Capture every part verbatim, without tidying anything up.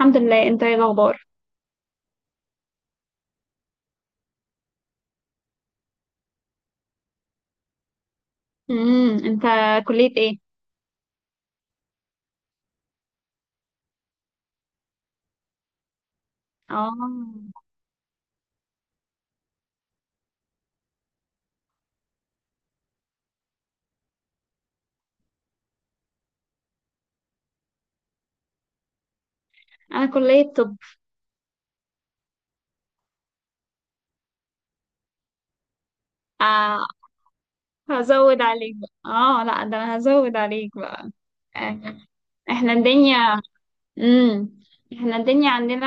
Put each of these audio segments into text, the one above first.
الحمد لله، انت ايه الاخبار؟ امم انت كلية ايه؟ اه. انا كلية طب. آه، هزود عليك بقى، اه لا ده انا هزود عليك بقى. آه. احنا الدنيا امم احنا الدنيا عندنا،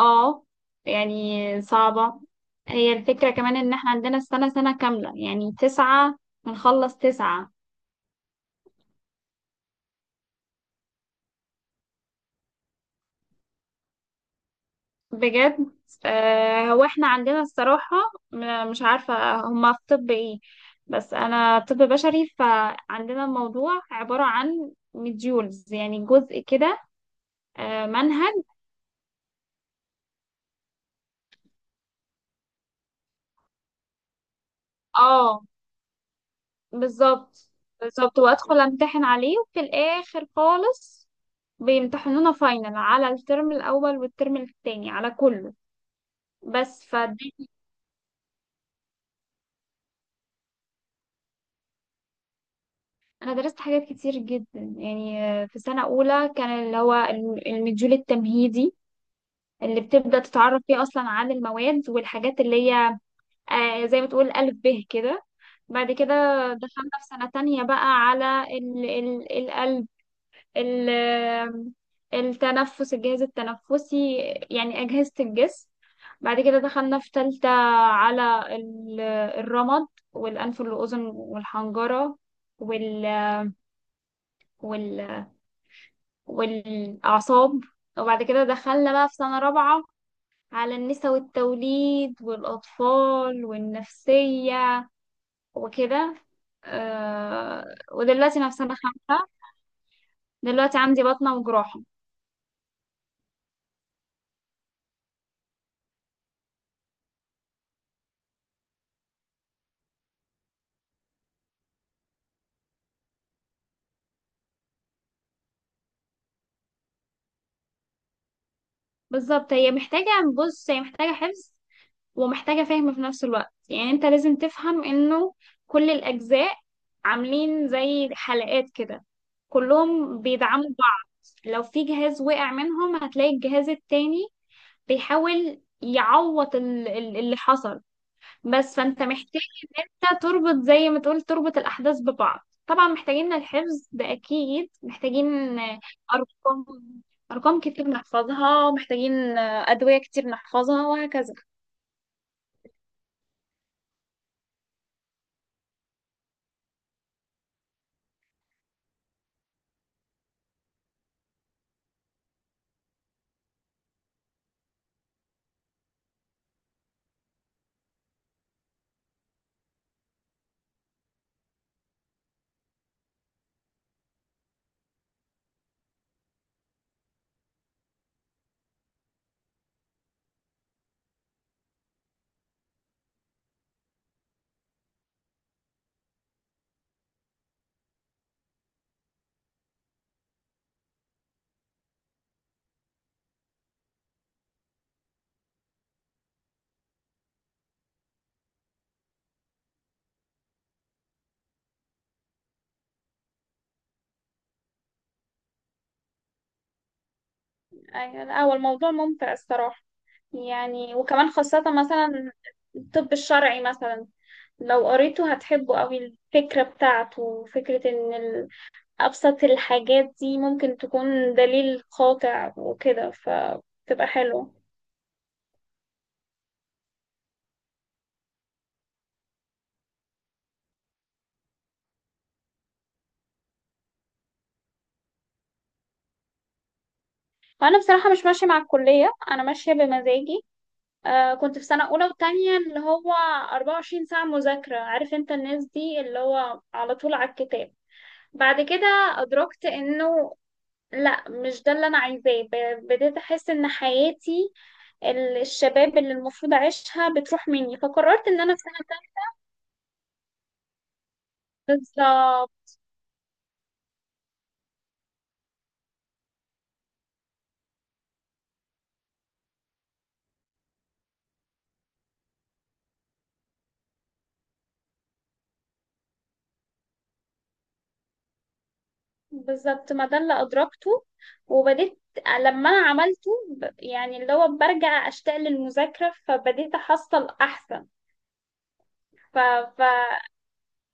اه يعني صعبة. هي الفكرة كمان ان احنا عندنا السنة، سنة كاملة يعني تسعة، بنخلص تسعة. بجد؟ آه، هو احنا عندنا الصراحة، م- مش عارفة هما في طب ايه، بس انا طب بشري، فعندنا الموضوع عبارة عن مديولز يعني جزء كده. آه، منهج. اه بالظبط. بالظبط، وادخل امتحن عليه، وفي الاخر خالص بيمتحنونا فاينل على الترم الاول، والترم التاني على كله. بس فدي. انا درست حاجات كتير جدا، يعني آه، في سنة اولى كان اللي هو الم- المديول التمهيدي، اللي بتبدأ تتعرف فيه أصلا عن المواد والحاجات اللي هي آه، زي ما تقول ألف به كده. بعد كده دخلنا في سنة تانية بقى على ال ال القلب، ال التنفس الجهاز التنفسي، يعني أجهزة الجسم. بعد كده دخلنا في تالتة على ال- الرمد والأنف والأذن والحنجرة وال وال والأعصاب، وبعد كده دخلنا بقى في سنة رابعة على النساء والتوليد والأطفال والنفسية وكده. آه، ودلوقتي أنا في سنة خمسة، دلوقتي عندي بطنة وجراحة. بالظبط، هي محتاجة، بص هي محتاجة حفظ ومحتاجة فهم في نفس الوقت. يعني أنت لازم تفهم إنه كل الأجزاء عاملين زي حلقات كده، كلهم بيدعموا بعض. لو في جهاز وقع منهم هتلاقي الجهاز التاني بيحاول يعوض ال- ال- اللي حصل، بس فانت محتاج إنها تربط، زي ما تقول تربط الأحداث ببعض. طبعا محتاجين الحفظ ده، أكيد محتاجين أرقام أرقام كتير نحفظها، محتاجين أدوية كتير نحفظها، وهكذا. أيوة، لا هو الموضوع ممتع الصراحة. يعني وكمان خاصة مثلا الطب الشرعي، مثلا لو قريته هتحبه قوي. الفكرة بتاعته فكرة ان ال- أبسط الحاجات دي ممكن تكون دليل قاطع وكده، فتبقى حلوة. فانا بصراحه مش ماشيه مع الكليه، انا ماشيه بمزاجي. آه، كنت في سنه اولى وتانية اللي هو أربعة وعشرين ساعه مذاكره، عارف انت، الناس دي اللي هو على طول على الكتاب. بعد كده ادركت انه لا، مش ده اللي انا عايزاه. ب- بديت احس ان حياتي، ال- الشباب اللي المفروض اعيشها بتروح مني، فقررت ان انا في سنه تانية. بالظبط، بالظبط ما ده اللي ادركته. وبديت لما انا عملته ب- يعني اللي هو برجع اشتاق للمذاكره، فبديت احصل احسن. ف ف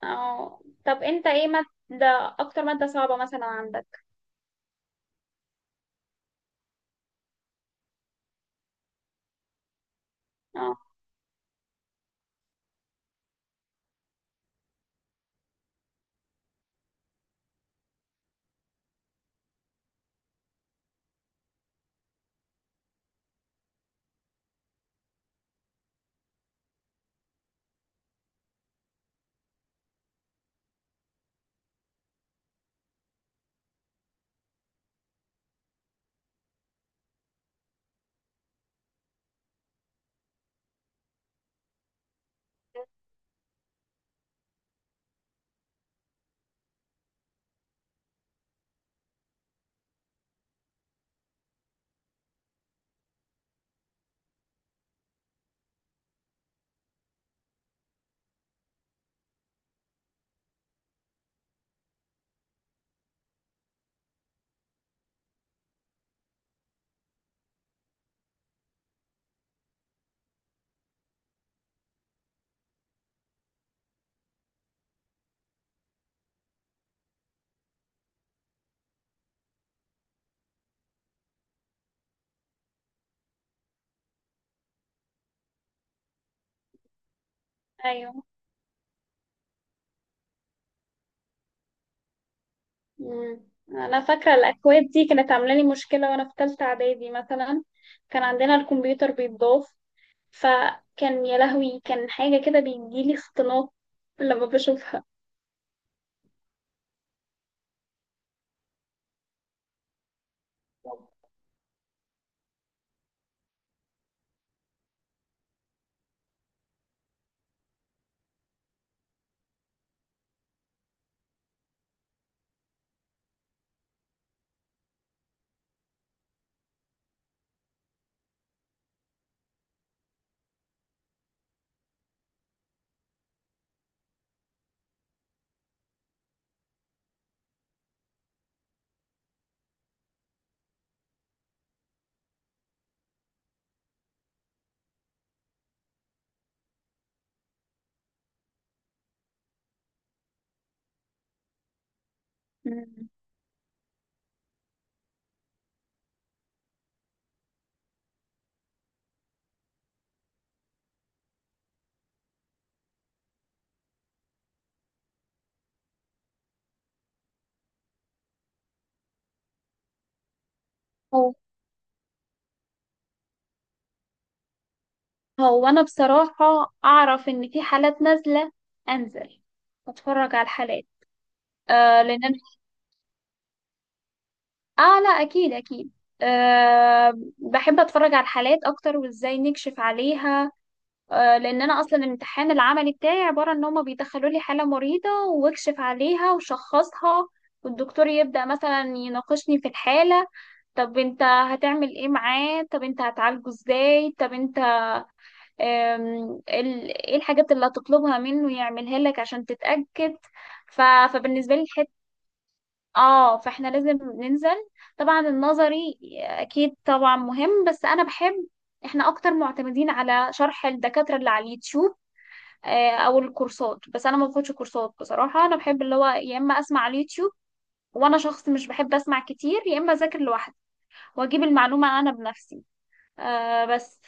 اه طب انت ايه مادة، اكتر مادة صعبة مثلا عندك؟ اه، ايوه. مم. انا فاكرة الاكواد دي كانت عاملة لي مشكلة وانا في تالتة اعدادي مثلا، كان عندنا الكمبيوتر بيتضاف، فكان يا لهوي، كان حاجة كده بيجيلي اختناق لما بشوفها. مم. هو هو انا بصراحة اعرف ان في حالات نازلة، انزل اتفرج على الحالات. آه لان أنا. اه لا، اكيد اكيد. أه بحب اتفرج على الحالات اكتر وازاي نكشف عليها. أه لان انا اصلا الامتحان العملي بتاعي عباره ان هما بيدخلوا لي حاله مريضه واكشف عليها وشخصها، والدكتور يبدا مثلا يناقشني في الحاله. طب انت هتعمل ايه معاه؟ طب انت هتعالجه ازاي؟ طب انت آم، ال- ايه الحاجات اللي هتطلبها منه يعملها لك عشان تتاكد؟ ف... فبالنسبه لي اه، فاحنا لازم ننزل. طبعا النظري اكيد طبعا مهم، بس انا بحب، احنا اكتر معتمدين على شرح الدكاترة اللي على اليوتيوب، آه، او الكورسات. بس انا ما باخدش كورسات بصراحة، انا بحب اللي هو يا اما اسمع على اليوتيوب، وانا شخص مش بحب اسمع كتير، يا اما اذاكر لوحدي واجيب المعلومة انا بنفسي. آه بس.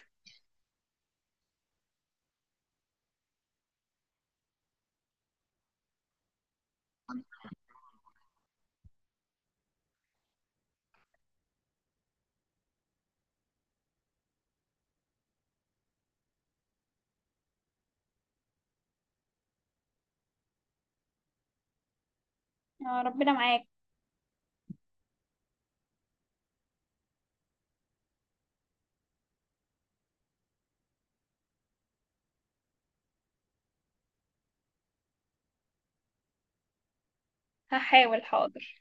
آه ربنا معاك. هحاول، حاضر.